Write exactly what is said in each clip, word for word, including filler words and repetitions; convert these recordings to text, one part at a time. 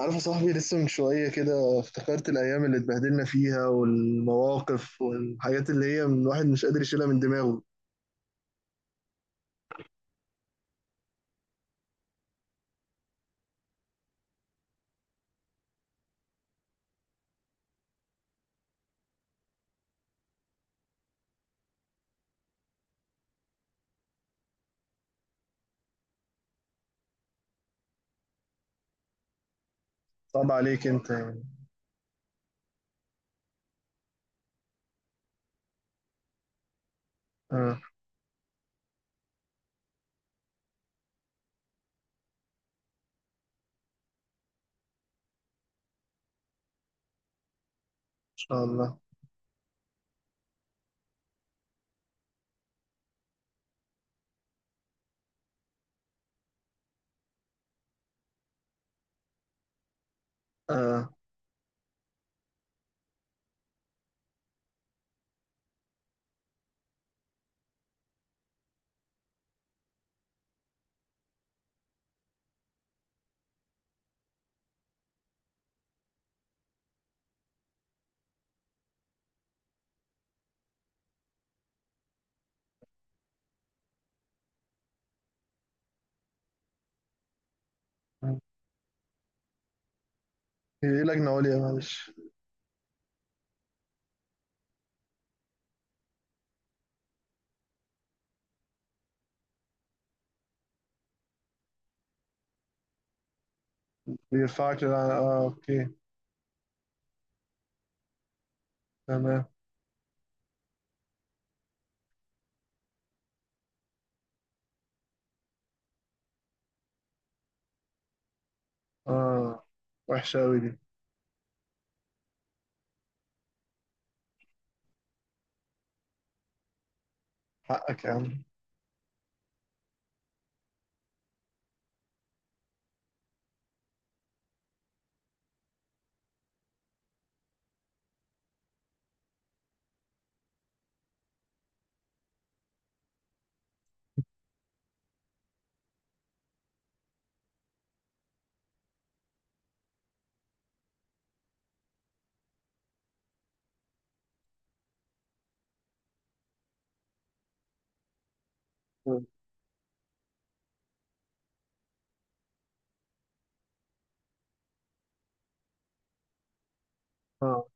عارف يا صاحبي؟ لسه من شوية كده افتكرت الأيام اللي اتبهدلنا فيها والمواقف والحاجات اللي هي من الواحد مش قادر يشيلها من دماغه. صعب عليك أنت يعني؟ آه، إن شاء الله. آه. إيه لجنة عليا؟ معلش. بيرفعك للع-، آه، أوكي. تمام. آه. وحشة أوي دي. حقك يا عم. آه.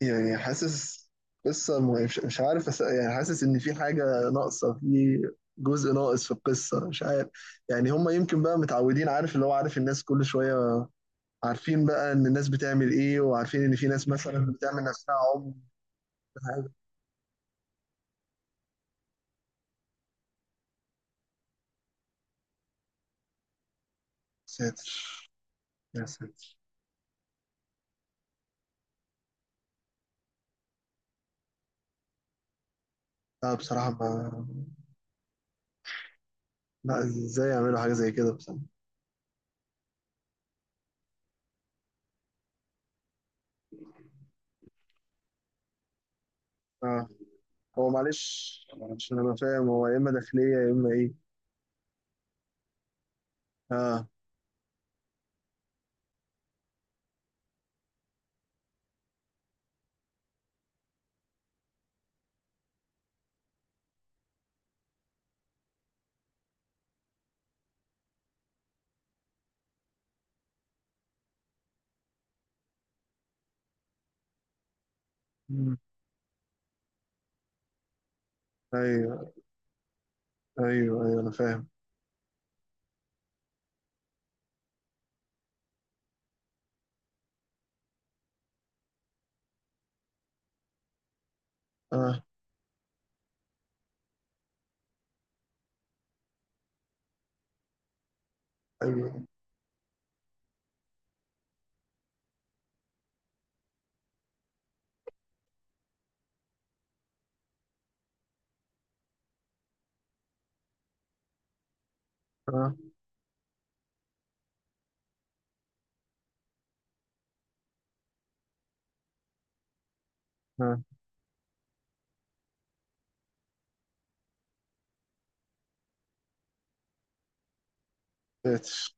يعني حاسس، قصة م- مش مش عارف أس...، يعني حاسس إن في حاجة ناقصة في، جزء ناقص في القصة مش عارف. يعني هما يمكن بقى متعودين، عارف اللي هو، عارف الناس كل شوية، عارفين بقى إن الناس بتعمل إيه، وعارفين إن في ناس مثلا بتعمل نفسها عمر حاجة. ساتر، يا ساتر. لا بصراحة ما. لا إزاي يعملوا حاجة زي كده بصراحة؟ آه. هو معلش، عشان أنا فاهم هو يا إما داخلية يا إما إيه. آه. مم. أيوه. أيوه، أيوه أنا فاهم. آه. أيوه. اه. اه. تاتش.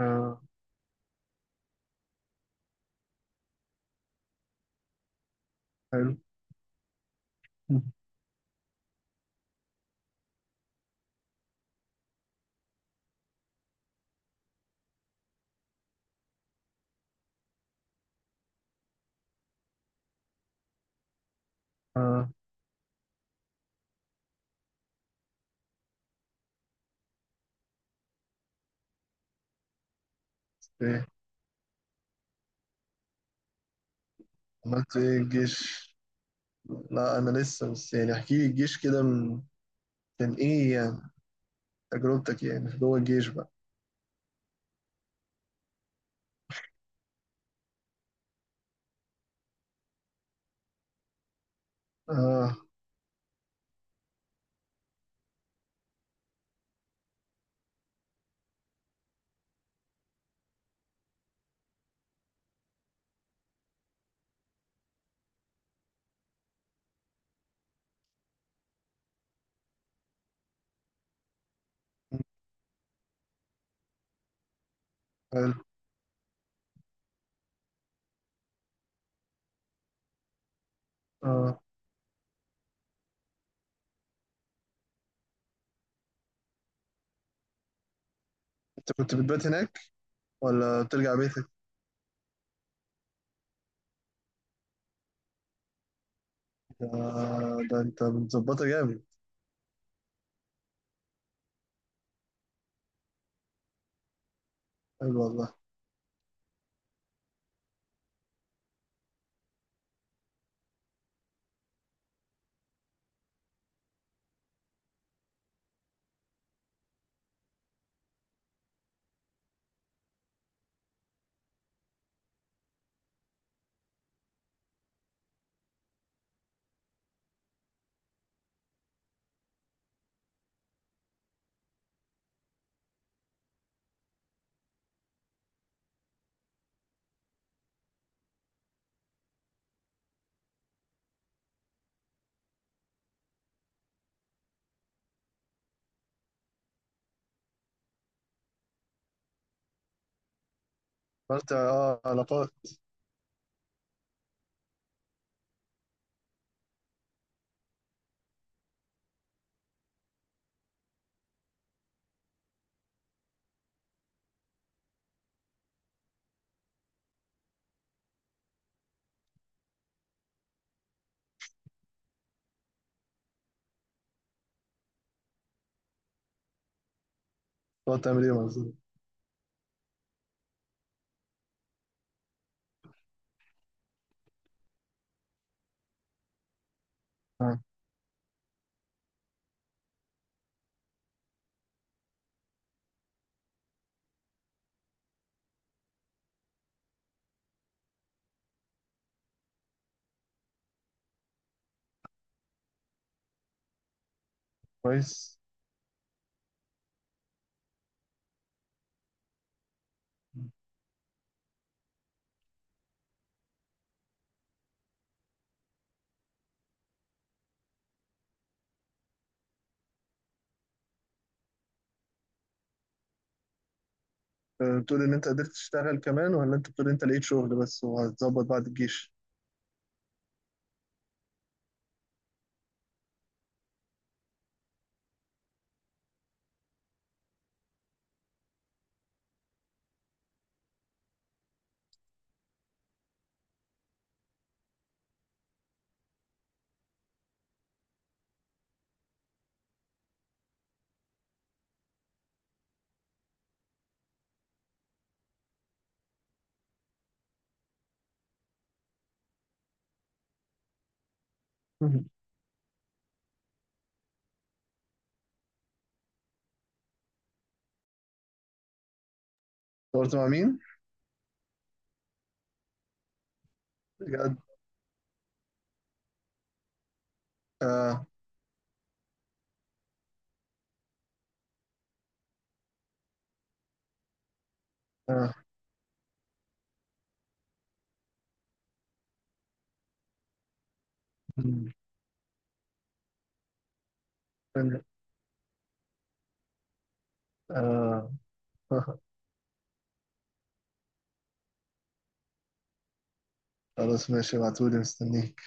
اه. حلو. اه. ايه عملت ايه الجيش؟ لا انا لسه، بس يعني احكي لي الجيش كده من، كان ايه يعني تجربتك يعني في جوه الجيش بقى؟ اه. حلو. اه، انت كنت بتبات هناك ولا بترجع بيتك؟ ده، ده انت متظبطه جامد. حلو والله. عملت اه علاقات؟ تقعد تعمل ايه مع الزملاء؟ اه، كويس. آه، بتقول ان انت قدرت تشتغل كمان، ولا انت بتقول انت لقيت شغل بس وهتظبط بعد الجيش؟ دورت مع مين؟ اه. اه. مم. آه. خلاص ماشي، ابعتولي مستنيك.